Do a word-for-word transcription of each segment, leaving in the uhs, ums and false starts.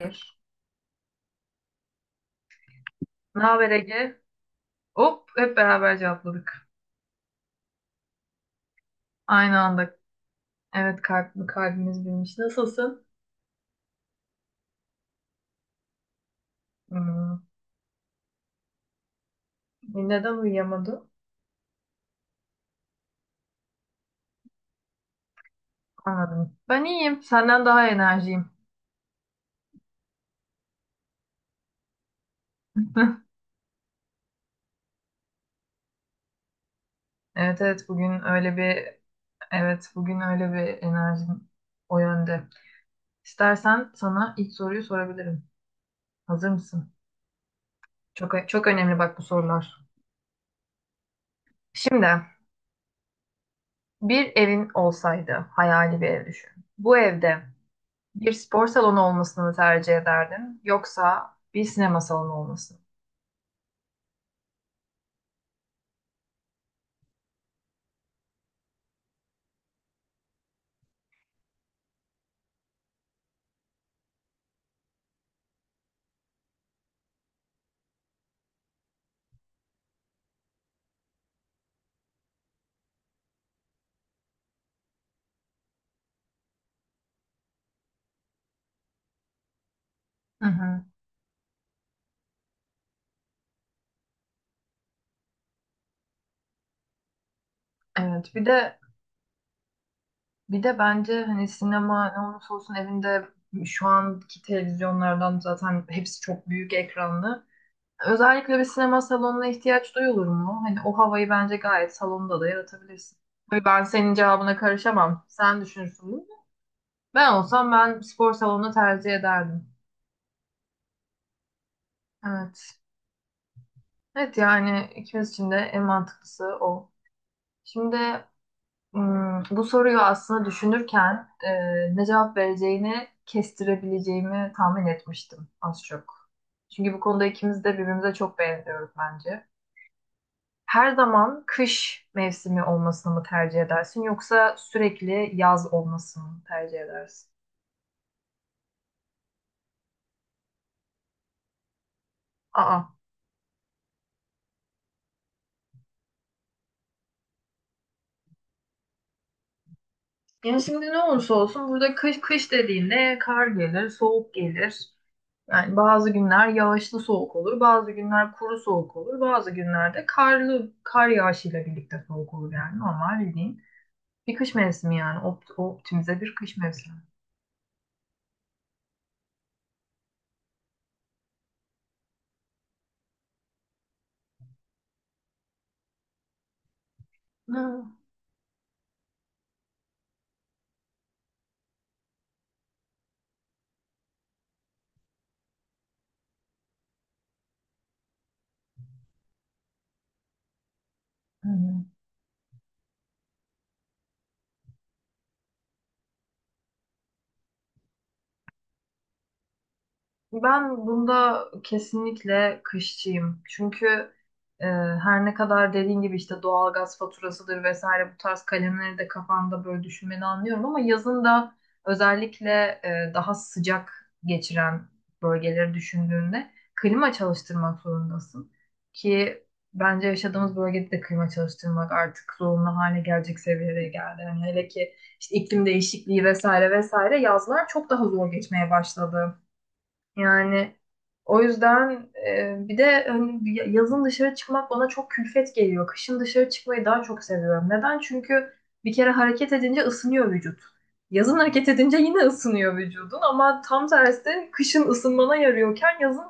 Bir. Ne haber Ege? Hop hep beraber cevapladık. Aynı anda. Evet, kalp, kalbimiz bilmiş. Nasılsın? Hmm. Neden uyuyamadın? Anladım. Ben iyiyim. Senden daha enerjiyim. Evet, evet. Bugün öyle bir evet bugün öyle bir enerjim o yönde. İstersen sana ilk soruyu sorabilirim. Hazır mısın? Çok çok önemli bak bu sorular. Şimdi, bir evin olsaydı, hayali bir ev düşün. Bu evde bir spor salonu olmasını mı tercih ederdin, yoksa bir sinema salonu olmasını? Hı hı. Evet, bir de bir de bence hani sinema ne olursa olsun evinde şu anki televizyonlardan zaten hepsi çok büyük ekranlı. Özellikle bir sinema salonuna ihtiyaç duyulur mu? Hani o havayı bence gayet salonda da yaratabilirsin. Tabii, ben senin cevabına karışamam. Sen düşünürsün bunu. Ben olsam, ben spor salonunu tercih ederdim. Evet. Evet, yani ikimiz için de en mantıklısı o. Şimdi, Hmm, bu soruyu aslında düşünürken, e, ne cevap vereceğini kestirebileceğimi tahmin etmiştim az çok. Çünkü bu konuda ikimiz de birbirimize çok benziyoruz bence. Her zaman kış mevsimi olmasını mı tercih edersin, yoksa sürekli yaz olmasını mı tercih edersin? Aa. Yani şimdi ne olursa olsun burada kış kış dediğinde kar gelir, soğuk gelir. Yani bazı günler yağışlı soğuk olur, bazı günler kuru soğuk olur, bazı günlerde karlı kar yağışıyla birlikte soğuk olur. Yani normal bildiğin bir kış mevsimi, yani Opt- optimize bir kış mevsimi. Ha. Hı hı. Ben bunda kesinlikle kışçıyım. Çünkü e, her ne kadar dediğin gibi işte doğalgaz faturasıdır vesaire bu tarz kalemleri de kafanda böyle düşünmeni anlıyorum, ama yazın da özellikle, e, daha sıcak geçiren bölgeleri düşündüğünde klima çalıştırmak zorundasın. Ki bence yaşadığımız bölgede de klima çalıştırmak artık zorunlu hale gelecek seviyeye geldi. Yani hele ki işte iklim değişikliği vesaire vesaire yazlar çok daha zor geçmeye başladı. Yani o yüzden, e, bir de hani ya- yazın dışarı çıkmak bana çok külfet geliyor. Kışın dışarı çıkmayı daha çok seviyorum. Neden? Çünkü bir kere hareket edince ısınıyor vücut. Yazın hareket edince yine ısınıyor vücudun, ama tam tersi kışın ısınmana yarıyorken yazın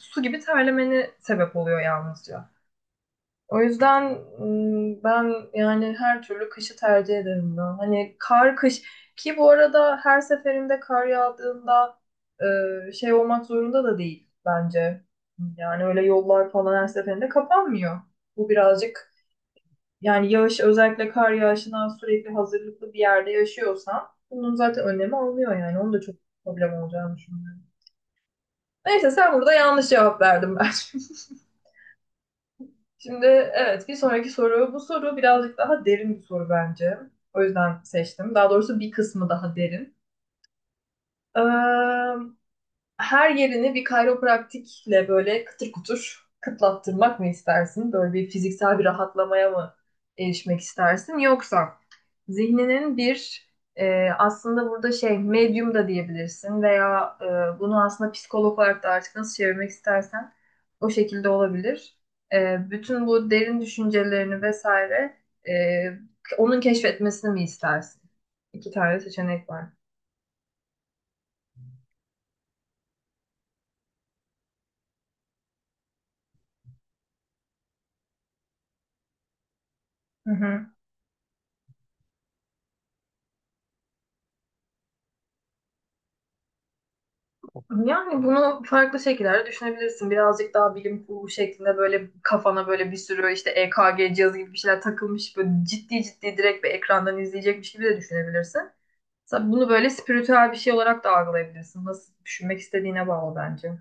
su gibi terlemeni sebep oluyor yalnızca. O yüzden m, ben yani her türlü kışı tercih ederim ya. Hani kar kış, ki bu arada her seferinde kar yağdığında e, şey olmak zorunda da değil bence. Yani öyle yollar falan her seferinde kapanmıyor. Bu birazcık, yani yağış, özellikle kar yağışına sürekli hazırlıklı bir yerde yaşıyorsan bunun zaten önlemi alınıyor yani. Onun da çok problem olacağını düşünüyorum. Neyse, sen burada yanlış cevap verdin ben. Şimdi, evet, bir sonraki soru. Bu soru birazcık daha derin bir soru bence. O yüzden seçtim. Daha doğrusu bir kısmı daha derin. Ee, her yerini bir kayropraktikle böyle kıtır kutur kıtlattırmak mı istersin? Böyle bir fiziksel bir rahatlamaya mı erişmek istersin? Yoksa zihninin bir, e, aslında burada şey medyum da diyebilirsin veya e, bunu aslında psikolog olarak da artık nasıl çevirmek istersen o şekilde olabilir. E, bütün bu derin düşüncelerini vesaire, e, onun keşfetmesini mi istersin? İki tane seçenek var. Hı hı. Yani bunu farklı şekillerde düşünebilirsin. Birazcık daha bilim kurgu şeklinde böyle kafana böyle bir sürü işte E K G cihazı gibi bir şeyler takılmış, böyle ciddi ciddi direkt bir ekrandan izleyecekmiş gibi de düşünebilirsin. Sen bunu böyle spiritüel bir şey olarak da algılayabilirsin. Nasıl düşünmek istediğine bağlı bence.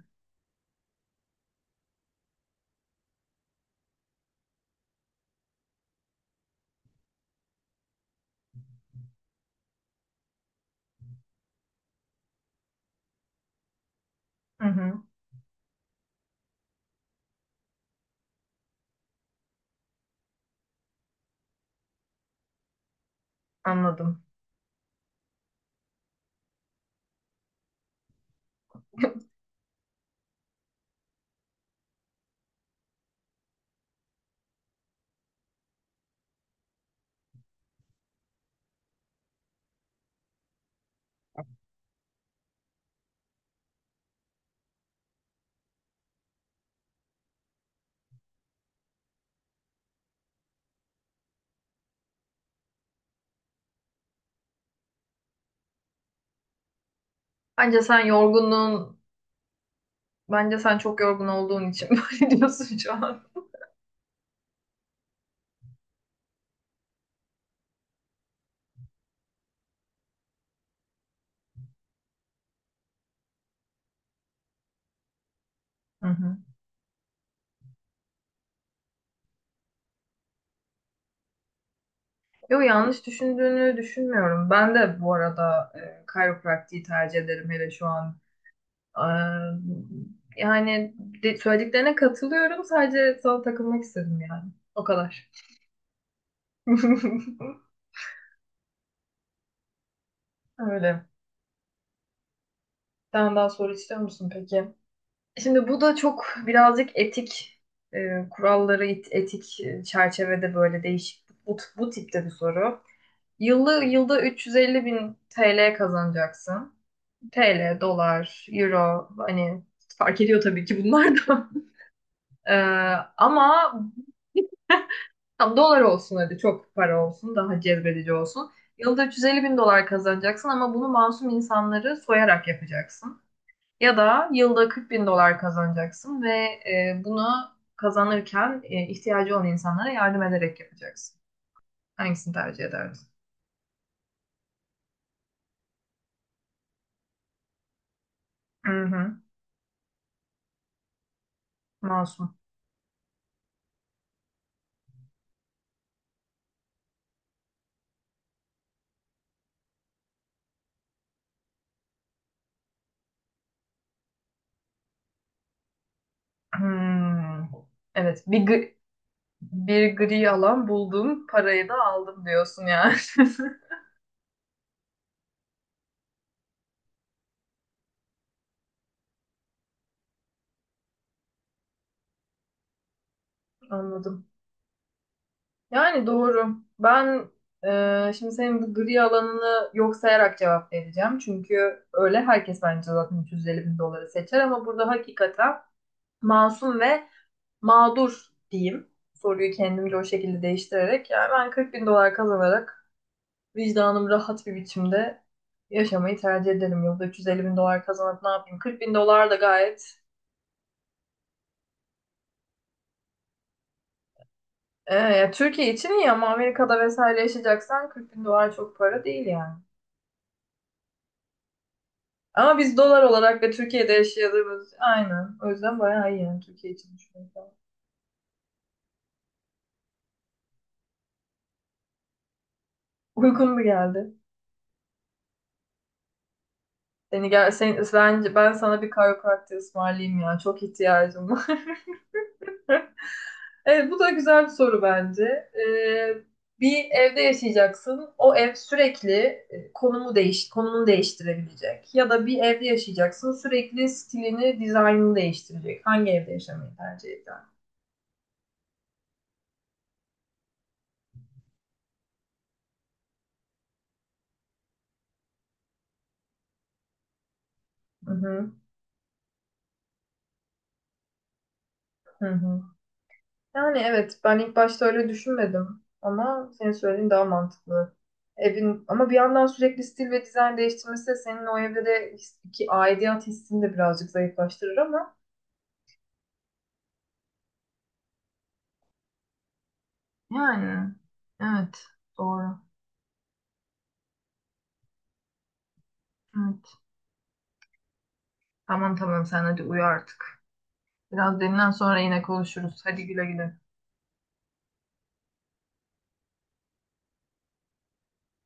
Hı hı, anladım. Bence sen yorgunluğun, bence sen çok yorgun olduğun için böyle diyorsun şu an. Hı hı. Yo, yanlış düşündüğünü düşünmüyorum. Ben de bu arada, e, chiropractic'i tercih ederim hele şu an. Eee, yani de- söylediklerine katılıyorum. Sadece sana takılmak istedim yani. O kadar. Öyle. Sen daha soru istiyor musun peki? Şimdi bu da çok birazcık etik, e, kuralları, et- etik e, çerçevede böyle değişik bu, bu tipte bir soru. Yıllı, yılda üç yüz elli bin T L kazanacaksın. T L, dolar, euro hani fark ediyor tabii ki bunlar da. Ee, ama tam dolar olsun, hadi çok para olsun, daha cezbedici olsun. Yılda üç yüz elli bin dolar kazanacaksın, ama bunu masum insanları soyarak yapacaksın. Ya da yılda kırk bin dolar kazanacaksın ve e, bunu kazanırken e, ihtiyacı olan insanlara yardım ederek yapacaksın. Hangisini tercih ederdin? Hı hı, masum. Hmm. Evet, bir, gri- bir gri alan buldum, parayı da aldım diyorsun yani. Anladım. Yani doğru. Ben, e, şimdi senin bu gri alanını yok sayarak cevap vereceğim. Çünkü öyle herkes bence zaten üç yüz elli bin doları seçer, ama burada hakikaten masum ve mağdur diyeyim. Soruyu kendimce o şekilde değiştirerek yani ben kırk bin dolar kazanarak vicdanım rahat bir biçimde yaşamayı tercih ederim. Yılda üç yüz elli bin dolar kazanıp ne yapayım? kırk bin dolar da gayet, e, ya Türkiye için iyi ama Amerika'da vesaire yaşayacaksan kırk bin dolar çok para değil yani. Ama biz dolar olarak ve Türkiye'de yaşadığımız aynen. O yüzden bayağı iyi yani Türkiye için düşünüyorum. Uygun mu geldi? Seni gel sen, bence ben sana bir chiropractor ısmarlayayım ya. Çok ihtiyacım var. Evet, bu da güzel bir soru bence. Ee, bir evde yaşayacaksın. O ev sürekli e, konumu değiş konumunu değiştirebilecek. Ya da bir evde yaşayacaksın. Sürekli stilini, dizaynını değiştirecek. Hangi evde yaşamayı tercih eder? Hı hı. Hı hı. Yani evet, ben ilk başta öyle düşünmedim ama senin söylediğin daha mantıklı. Evin ama bir yandan sürekli stil ve dizayn değiştirmesi de senin o evde de his- ki aidiyet hissini de birazcık zayıflaştırır ama. Yani evet, doğru. Evet. Tamam, tamam, sen hadi uyu artık. Biraz dinlen, sonra yine konuşuruz. Hadi güle güle.